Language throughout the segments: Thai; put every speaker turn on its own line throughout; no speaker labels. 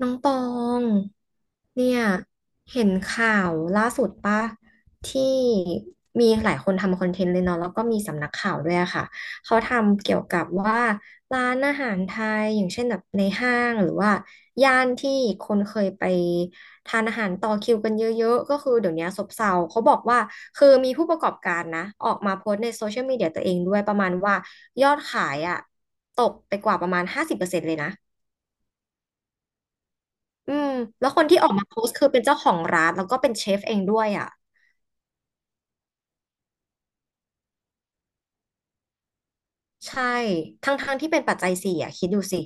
น้องตองเนี่ยเห็นข่าวล่าสุดป่ะที่มีหลายคนทำคอนเทนต์เลยเนาะแล้วก็มีสำนักข่าวด้วยอะค่ะเขาทำเกี่ยวกับว่าร้านอาหารไทยอย่างเช่นแบบในห้างหรือว่าย่านที่คนเคยไปทานอาหารต่อคิวกันเยอะๆก็คือเดี๋ยวนี้ซบเซาเขาบอกว่าคือมีผู้ประกอบการนะออกมาโพสต์ในโซเชียลมีเดียตัวเองด้วยประมาณว่ายอดขายอะตกไปกว่าประมาณ50%เลยนะ อืมแล้วคนที่ออกมาโพสต์คือเป็นเจ้าของร้านแล้วก็เป็นเชฟเองด้วยอ่ะใช่ทั้งทงที่เป็นปัจจัยสี่อ่ะคิดดูสิ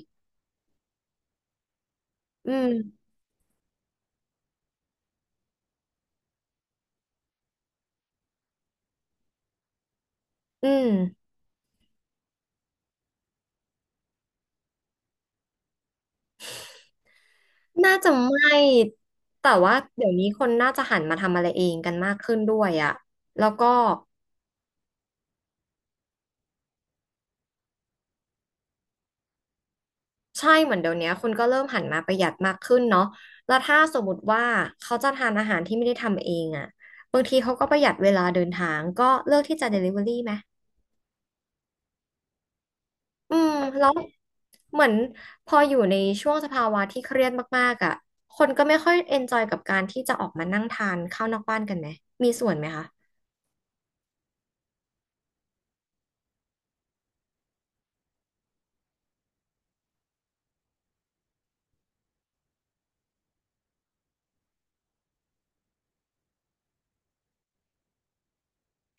อืมอืมน่าจะไม่แต่ว่าเดี๋ยวนี้คนน่าจะหันมาทำอะไรเองกันมากขึ้นด้วยอ่ะแล้วก็ใช่เหมือนเดี๋ยวนี้คนก็เริ่มหันมาประหยัดมากขึ้นเนาะแล้วถ้าสมมติว่าเขาจะทานอาหารที่ไม่ได้ทำเองอ่ะบางทีเขาก็ประหยัดเวลาเดินทางก็เลือกที่จะ Delivery ไหม อืมแล้วเหมือนพออยู่ในช่วงสภาวะที่เครียดมากๆอ่ะคนก็ไม่ค่อยเอนจอยกับการที่จะออกมานั่งทานข้าวนอกบ้านกันไหมมีส่วนไหมคะ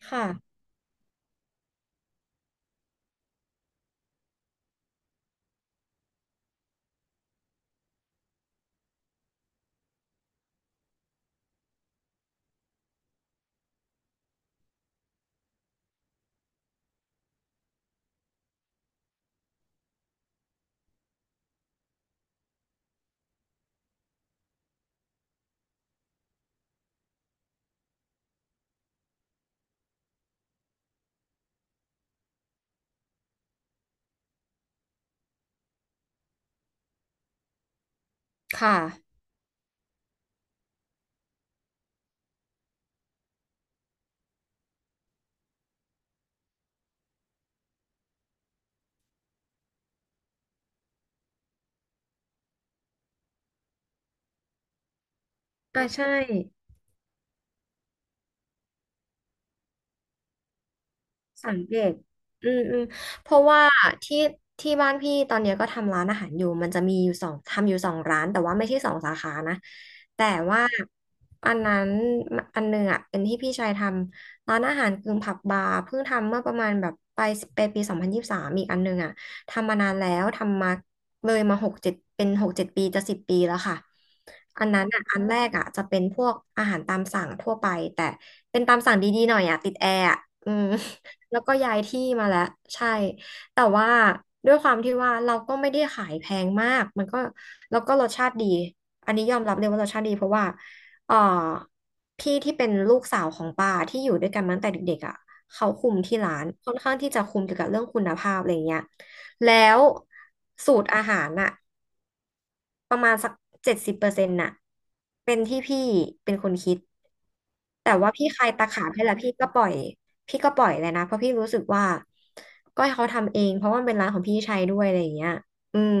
ค่ะค่ะอ่ะใช่ สังเกตอืมอืมเพราะว่าที่ที่บ้านพี่ตอนเนี้ยก็ทำร้านอาหารอยู่มันจะมีอยู่สองทำอยู่สองร้านแต่ว่าไม่ใช่สองสาขานะแต่ว่าอันนั้นอันหนึ่งอ่ะเป็นที่พี่ชายทำร้านอาหารกึ่งผับบาร์เพิ่งทำเมื่อประมาณแบบไปปี2023อีกอันหนึ่งอ่ะทำมานานแล้วทำมาเลยมาหกเจ็ดเป็นหกเจ็ดปีจะสิบปีแล้วค่ะอันนั้นอ่ะอันแรกอ่ะจะเป็นพวกอาหารตามสั่งทั่วไปแต่เป็นตามสั่งดีๆหน่อยอ่ะติดแอร์อ่ะอืม แล้วก็ย้ายที่มาแล้วใช่แต่ว่าด้วยความที่ว่าเราก็ไม่ได้ขายแพงมากมันก็แล้วก็รสชาติดีอันนี้ยอมรับเลยว่ารสชาติดีเพราะว่าเอ่อพี่ที่เป็นลูกสาวของป้าที่อยู่ด้วยกันมาตั้งแต่เด็กๆอ่ะเขาคุมที่ร้านค่อนข้างที่จะคุมเกี่ยวกับเรื่องคุณภาพอะไรเงี้ยแล้วสูตรอาหารน่ะ ประมาณสัก70%น่ะเป็นที่พี่เป็นคนคิดแต่ว่าพี่คลายตาขาบให้แล้วพี่ก็ปล่อยพี่ก็ปล่อยเลยนะเพราะพี่รู้สึกว่าก็ให้เขาทำเองเพราะว่ามันเป็นร้านของพี่ชัยด้วยอะไรอย่างเงี้ยอืม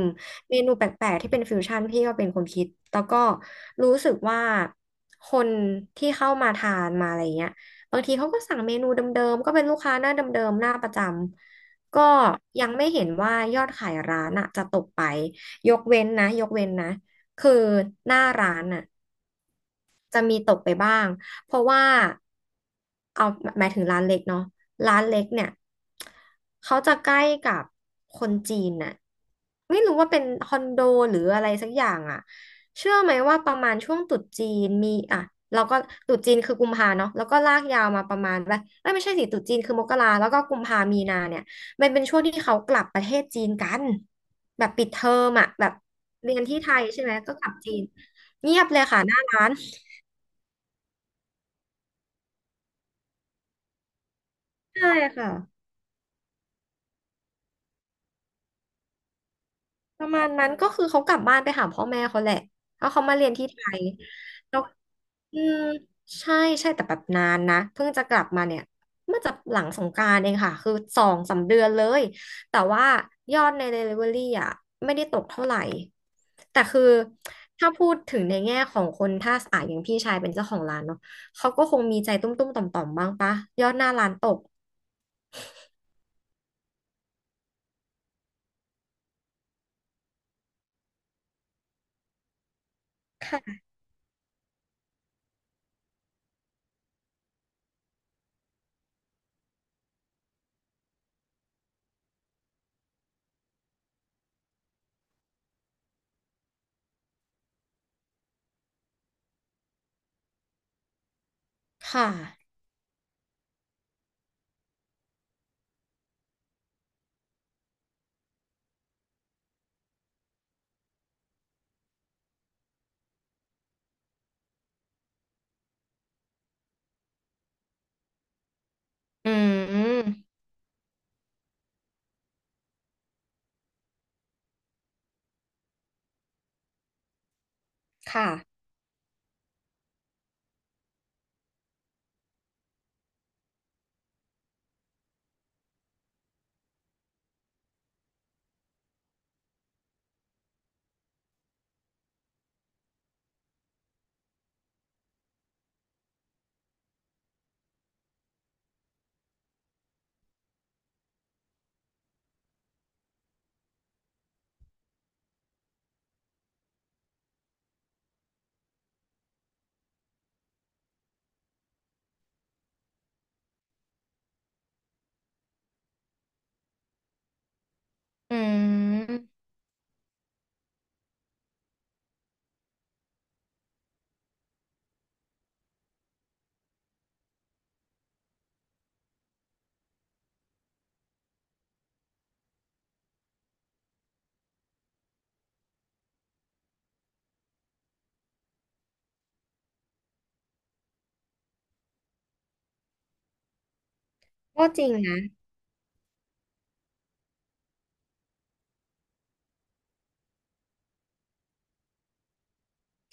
เมนูแปลกๆที่เป็นฟิวชั่นพี่ก็เป็นคนคิดแล้วก็รู้สึกว่าคนที่เข้ามาทานมาอะไรเงี้ยบางทีเขาก็สั่งเมนูเดิมๆก็เป็นลูกค้าหน้าเดิมๆหน้าประจำก็ยังไม่เห็นว่ายอดขายร้านอะจะตกไป ยกเว้นนะยกเว้นนะคือหน้าร้านอ่ะ จะมีตกไปบ้างเพราะว่าเอาหมายถึงร้านเล็กเนาะร้านเล็กเนี่ยเขาจะใกล้กับคนจีนน่ะไม่รู้ว่าเป็นคอนโดหรืออะไรสักอย่างอ่ะเชื่อไหมว่าประมาณช่วงตรุษจีนมีอ่ะเราก็ตรุษจีนคือกุมภาเนาะแล้วก็ลากยาวมาประมาณแบบเอ้ยไม่ใช่สิตรุษจีนคือมกราแล้วก็กุมภามีนาเนี่ยมันเป็นช่วงที่เขากลับประเทศจีนกันแบบปิดเทอมอ่ะแบบเรียนที่ไทยใช่ไหมก็กลับจีนเงียบเลยค่ะหน้าร้าน ใช่ค่ะประมาณนั้นก็คือเขากลับบ้านไปหาพ่อแม่เขาแหละแล้วเขามาเรียนที่ไทยแล้วอืมใช่ใช่แต่แบบนานนะเพิ่งจะกลับมาเนี่ยเมื่อจะหลังสงกรานต์เองค่ะคือสองสามเดือนเลยแต่ว่ายอดใน Delivery อ่ะไม่ได้ตกเท่าไหร่แต่คือถ้าพูดถึงในแง่ของคนถ้าอ่ะอย่างพี่ชายเป็นเจ้าของร้านเนาะเขาก็คงมีใจตุ้มๆต่อมๆบ้างปะยอดหน้าร้านตกค่ะค่ะอืมค่ะอืม ก็จริงนะ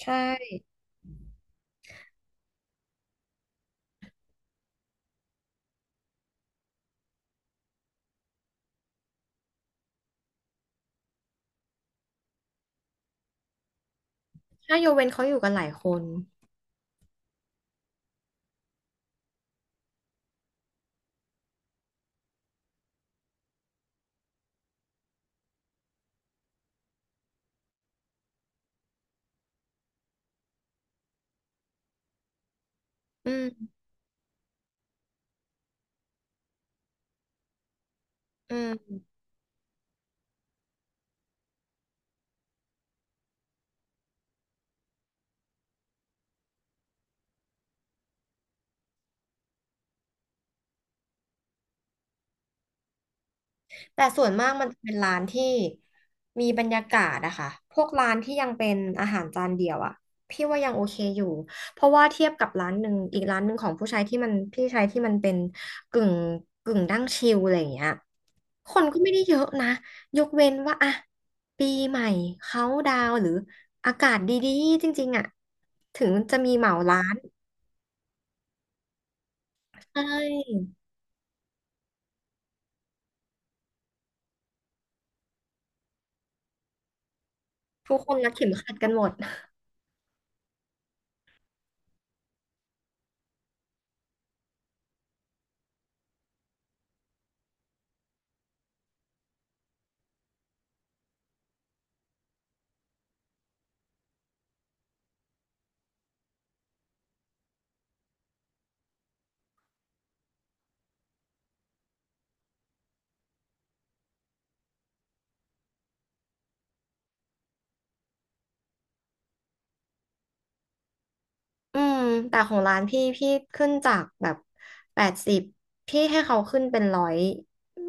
ใช่ถ้ายกเว้นเขาอยู่กันหลายคนอืมอืมแต่ส่วนมากมันจะเป็นร้านที่มีบรรยากาศอะค่ะพวกร้านที่ยังเป็นอาหารจานเดียวอะพี่ว่ายังโอเคอยู่เพราะว่าเทียบกับร้านหนึ่งอีกร้านหนึ่งของผู้ชายที่มันพี่ชายที่มันเป็นกึ่งกึ่งดั้งชิลอะไรอย่างเงี้ยคนก็ไม่ได้เยอะนะยกเว้นว่าอะปีใหม่เขาดาวน์หรืออากาศดีๆจริงๆอะถึงจะมีเหมาร้านใช่ ทุกคนรัดเข็มขัดกันหมด อืม แต่ของร้านพี่พี่ขึ้นจากแบบแปดสิบพี่ให้เขาขึ้นเป็นร้อย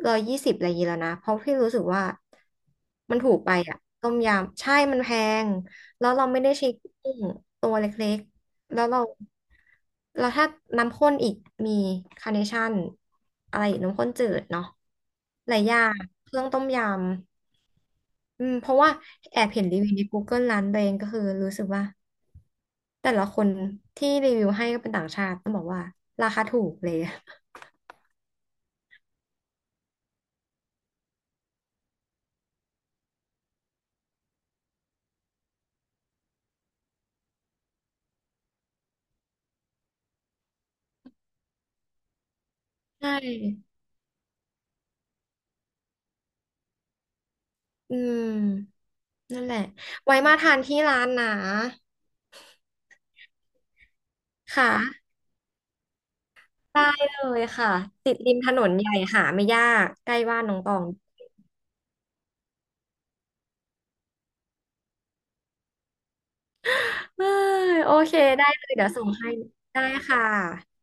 ร้อยยี่สิบอะไรอย่างงี้แล้วนะเพราะพี่รู้สึกว่ามันถูกไปอ่ะต้มยำใช่มันแพงแล้วเราไม่ได้ใช้กุ้งตัวเล็กๆแล้วเราแล้วถ้าน้ำข้นอีกมีคาร์เนชั่นอะไรอีกน้ำข้นจืดเนาะหลายอย่างเครื่องต้มยำ อืมเพราะว่าแอบเห็นรีวิวใน Google ร้านตัวเองก็คือรู้สึกว่าแต่ละคนที่รีวิวให้ก็เป็นต่างชาติต้องบอกว่าราคาถูกเลยใช่อืมนั่นแหละไว้มาทานที่ร้านนะค่ะได้เลยค่ะติดริมถนนใหญ่หาไม่ยากใกล้บ้านน้องตองเอ้ยโอเคได้เลยเดี๋ยวส่งให้ได้ค่ะ